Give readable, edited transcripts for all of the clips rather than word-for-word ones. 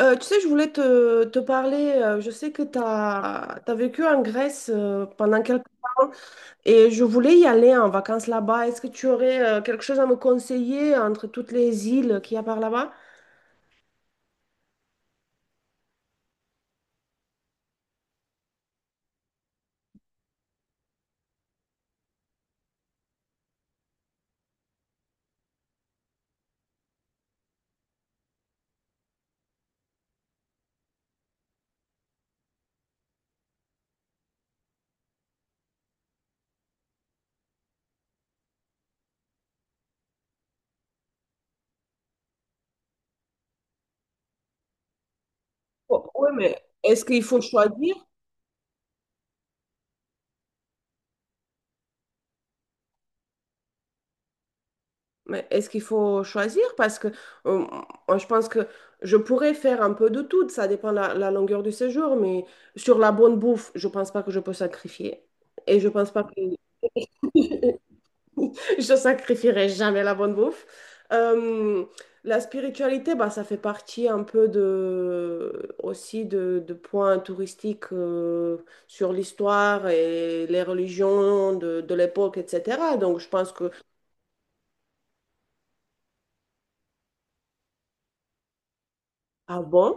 Tu sais, je voulais te parler, je sais que tu as vécu en Grèce pendant quelques temps et je voulais y aller en vacances là-bas. Est-ce que tu aurais quelque chose à me conseiller entre toutes les îles qu'il y a par là-bas? Oui, mais est-ce qu'il faut choisir? Mais est-ce qu'il faut choisir? Parce que euh, moi, je pense que je pourrais faire un peu de tout, ça dépend la longueur du séjour, mais sur la bonne bouffe, je pense pas que je peux sacrifier. Et je pense pas que je sacrifierai jamais la bonne bouffe. Euh, la spiritualité, bah, ça fait partie un peu de, aussi de points touristiques sur l'histoire et les religions de l'époque, etc. Donc, je pense que ah bon,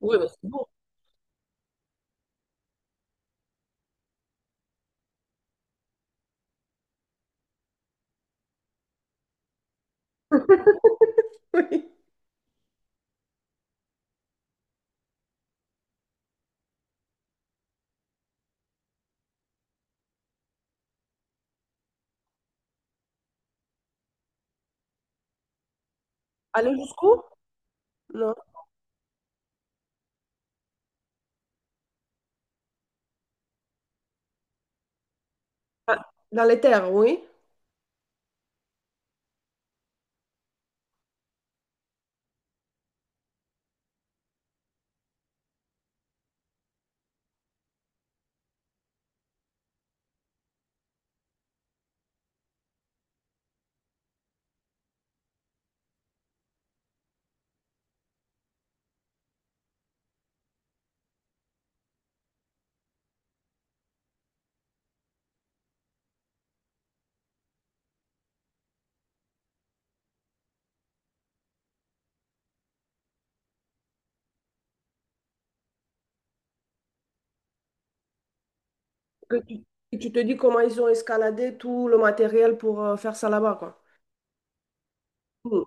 oui, mais c'est bon. Oui. Aller jusqu'où? Non. Ah, dans les terres, oui. Que tu, que tu te dis comment ils ont escaladé tout le matériel pour faire ça là-bas, quoi. Mm.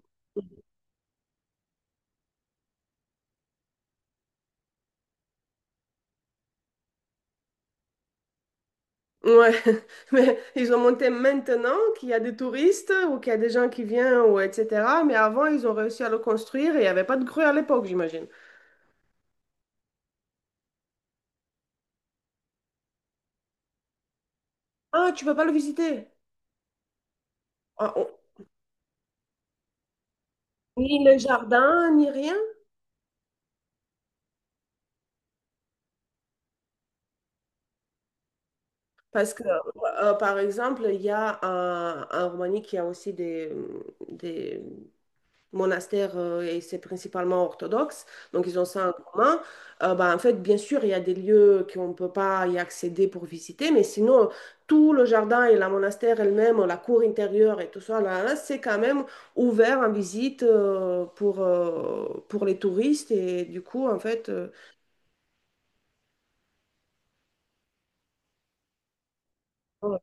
Ouais, mais ils ont monté maintenant qu'il y a des touristes ou qu'il y a des gens qui viennent ou etc. Mais avant, ils ont réussi à le construire et il n'y avait pas de grue à l'époque, j'imagine. Ah, tu peux pas le visiter. Ah, on- Ni le jardin, ni rien. Parce que, par exemple, il y a en Roumanie qui a aussi des, monastère et c'est principalement orthodoxe, donc ils ont ça en commun. Bah, en fait, bien sûr, il y a des lieux qu'on ne peut pas y accéder pour visiter, mais sinon, tout le jardin et la monastère elle-même, la cour intérieure et tout ça, là, c'est quand même ouvert en visite pour les touristes et du coup, en fait, voilà.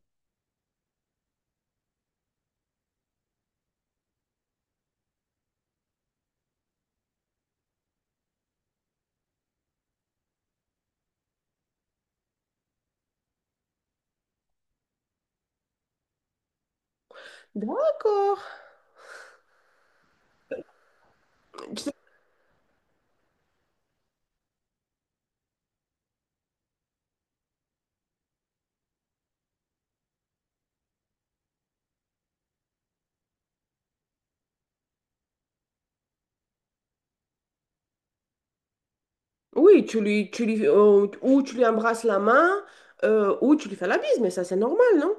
D'accord. Oui, tu lui, ou tu lui embrasses la main, ou tu lui fais la bise, mais ça c'est normal, non?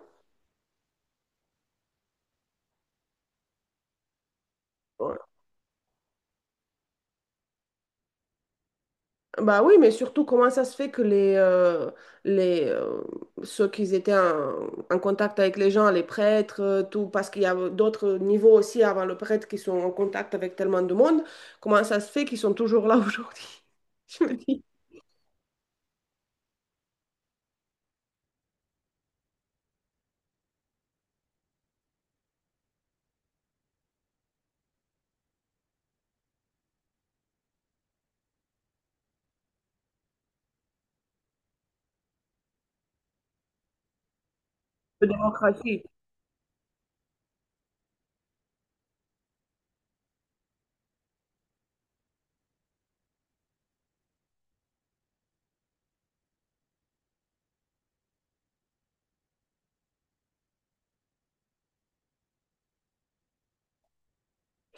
Bah oui, mais surtout, comment ça se fait que les, ceux qui étaient en, en contact avec les gens, les prêtres, tout, parce qu'il y a d'autres niveaux aussi avant le prêtre qui sont en contact avec tellement de monde, comment ça se fait qu'ils sont toujours là aujourd'hui? Je me dis, la démocratie.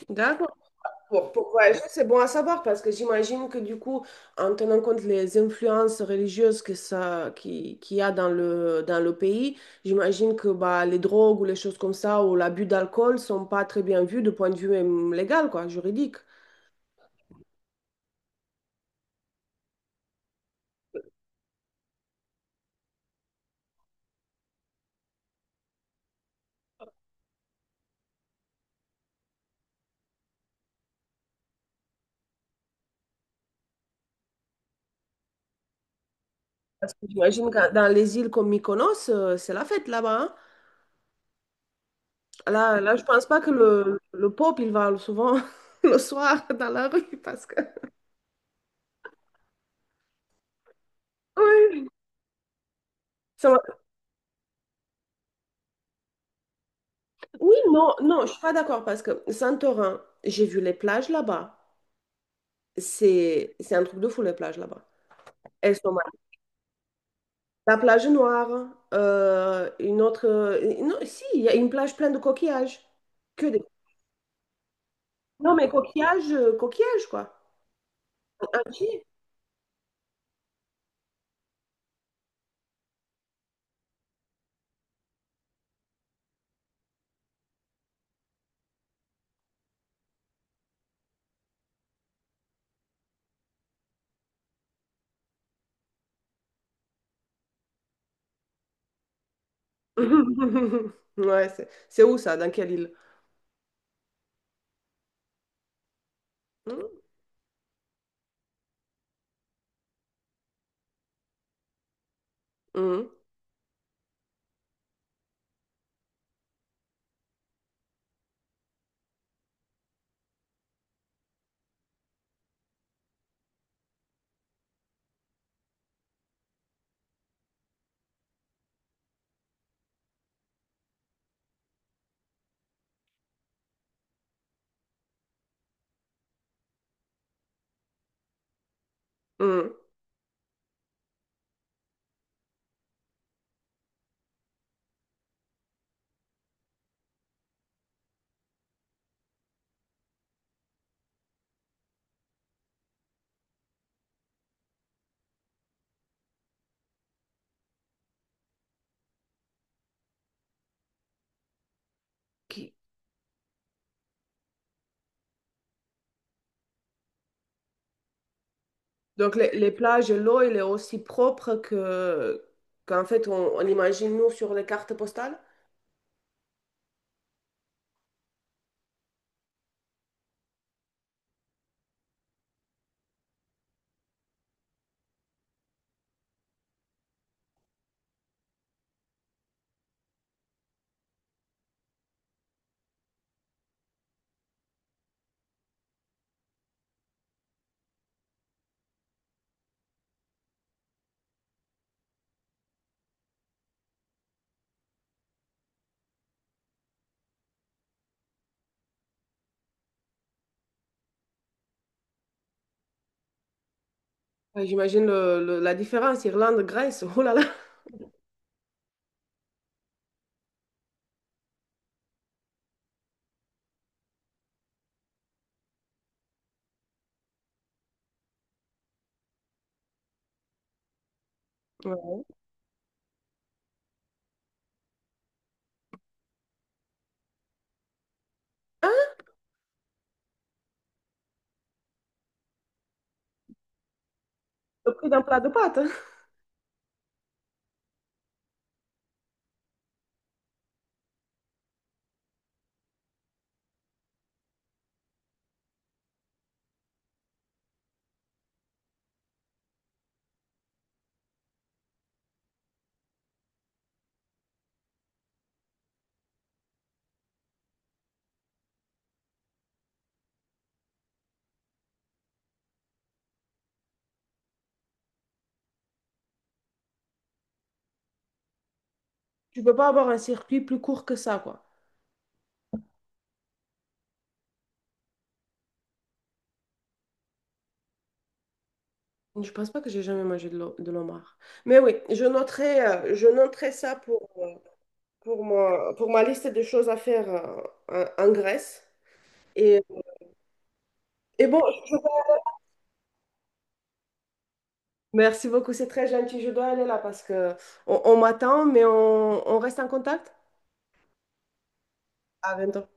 D'accord. Pour voyager, c'est bon à savoir parce que j'imagine que du coup, en tenant compte les influences religieuses que ça, qui, qu'il y a dans le pays, j'imagine que bah, les drogues ou les choses comme ça ou l'abus d'alcool sont pas très bien vus du point de vue même légal, quoi, juridique. Parce que j'imagine que dans les îles comme Mykonos, c'est la fête là-bas, hein. Là, je pense pas que le peuple, il va souvent le soir dans la rue parce que... Oui, ça m'a- oui, non, non, je suis pas d'accord parce que Santorin, j'ai vu les plages là-bas. C'est un truc de fou, les plages là-bas. Elles sont mal. La plage noire, une autre, non, si, il y a une plage pleine de coquillages. Que des. Non, mais coquillages, coquillages, quoi. Si. Ouais, c'est où ça? Dans quelle île? Mhm, mhm. Qui- Donc, les plages, l'eau, elle est aussi propre que qu'en fait, on imagine nous sur les cartes postales. Ouais, j'imagine le- la différence, Irlande, Grèce, oh là là. Ouais. Le prix d'un plat de pâtes. Tu peux pas avoir un circuit plus court que ça, quoi. Je pense pas que j'ai jamais mangé de l'o- de l'homard. Mais oui, je noterai ça pour moi, pour ma liste de choses à faire en en Grèce. Et, et bon, merci beaucoup, c'est très gentil. Je dois aller là parce que on m'attend, mais on reste en contact. À bientôt.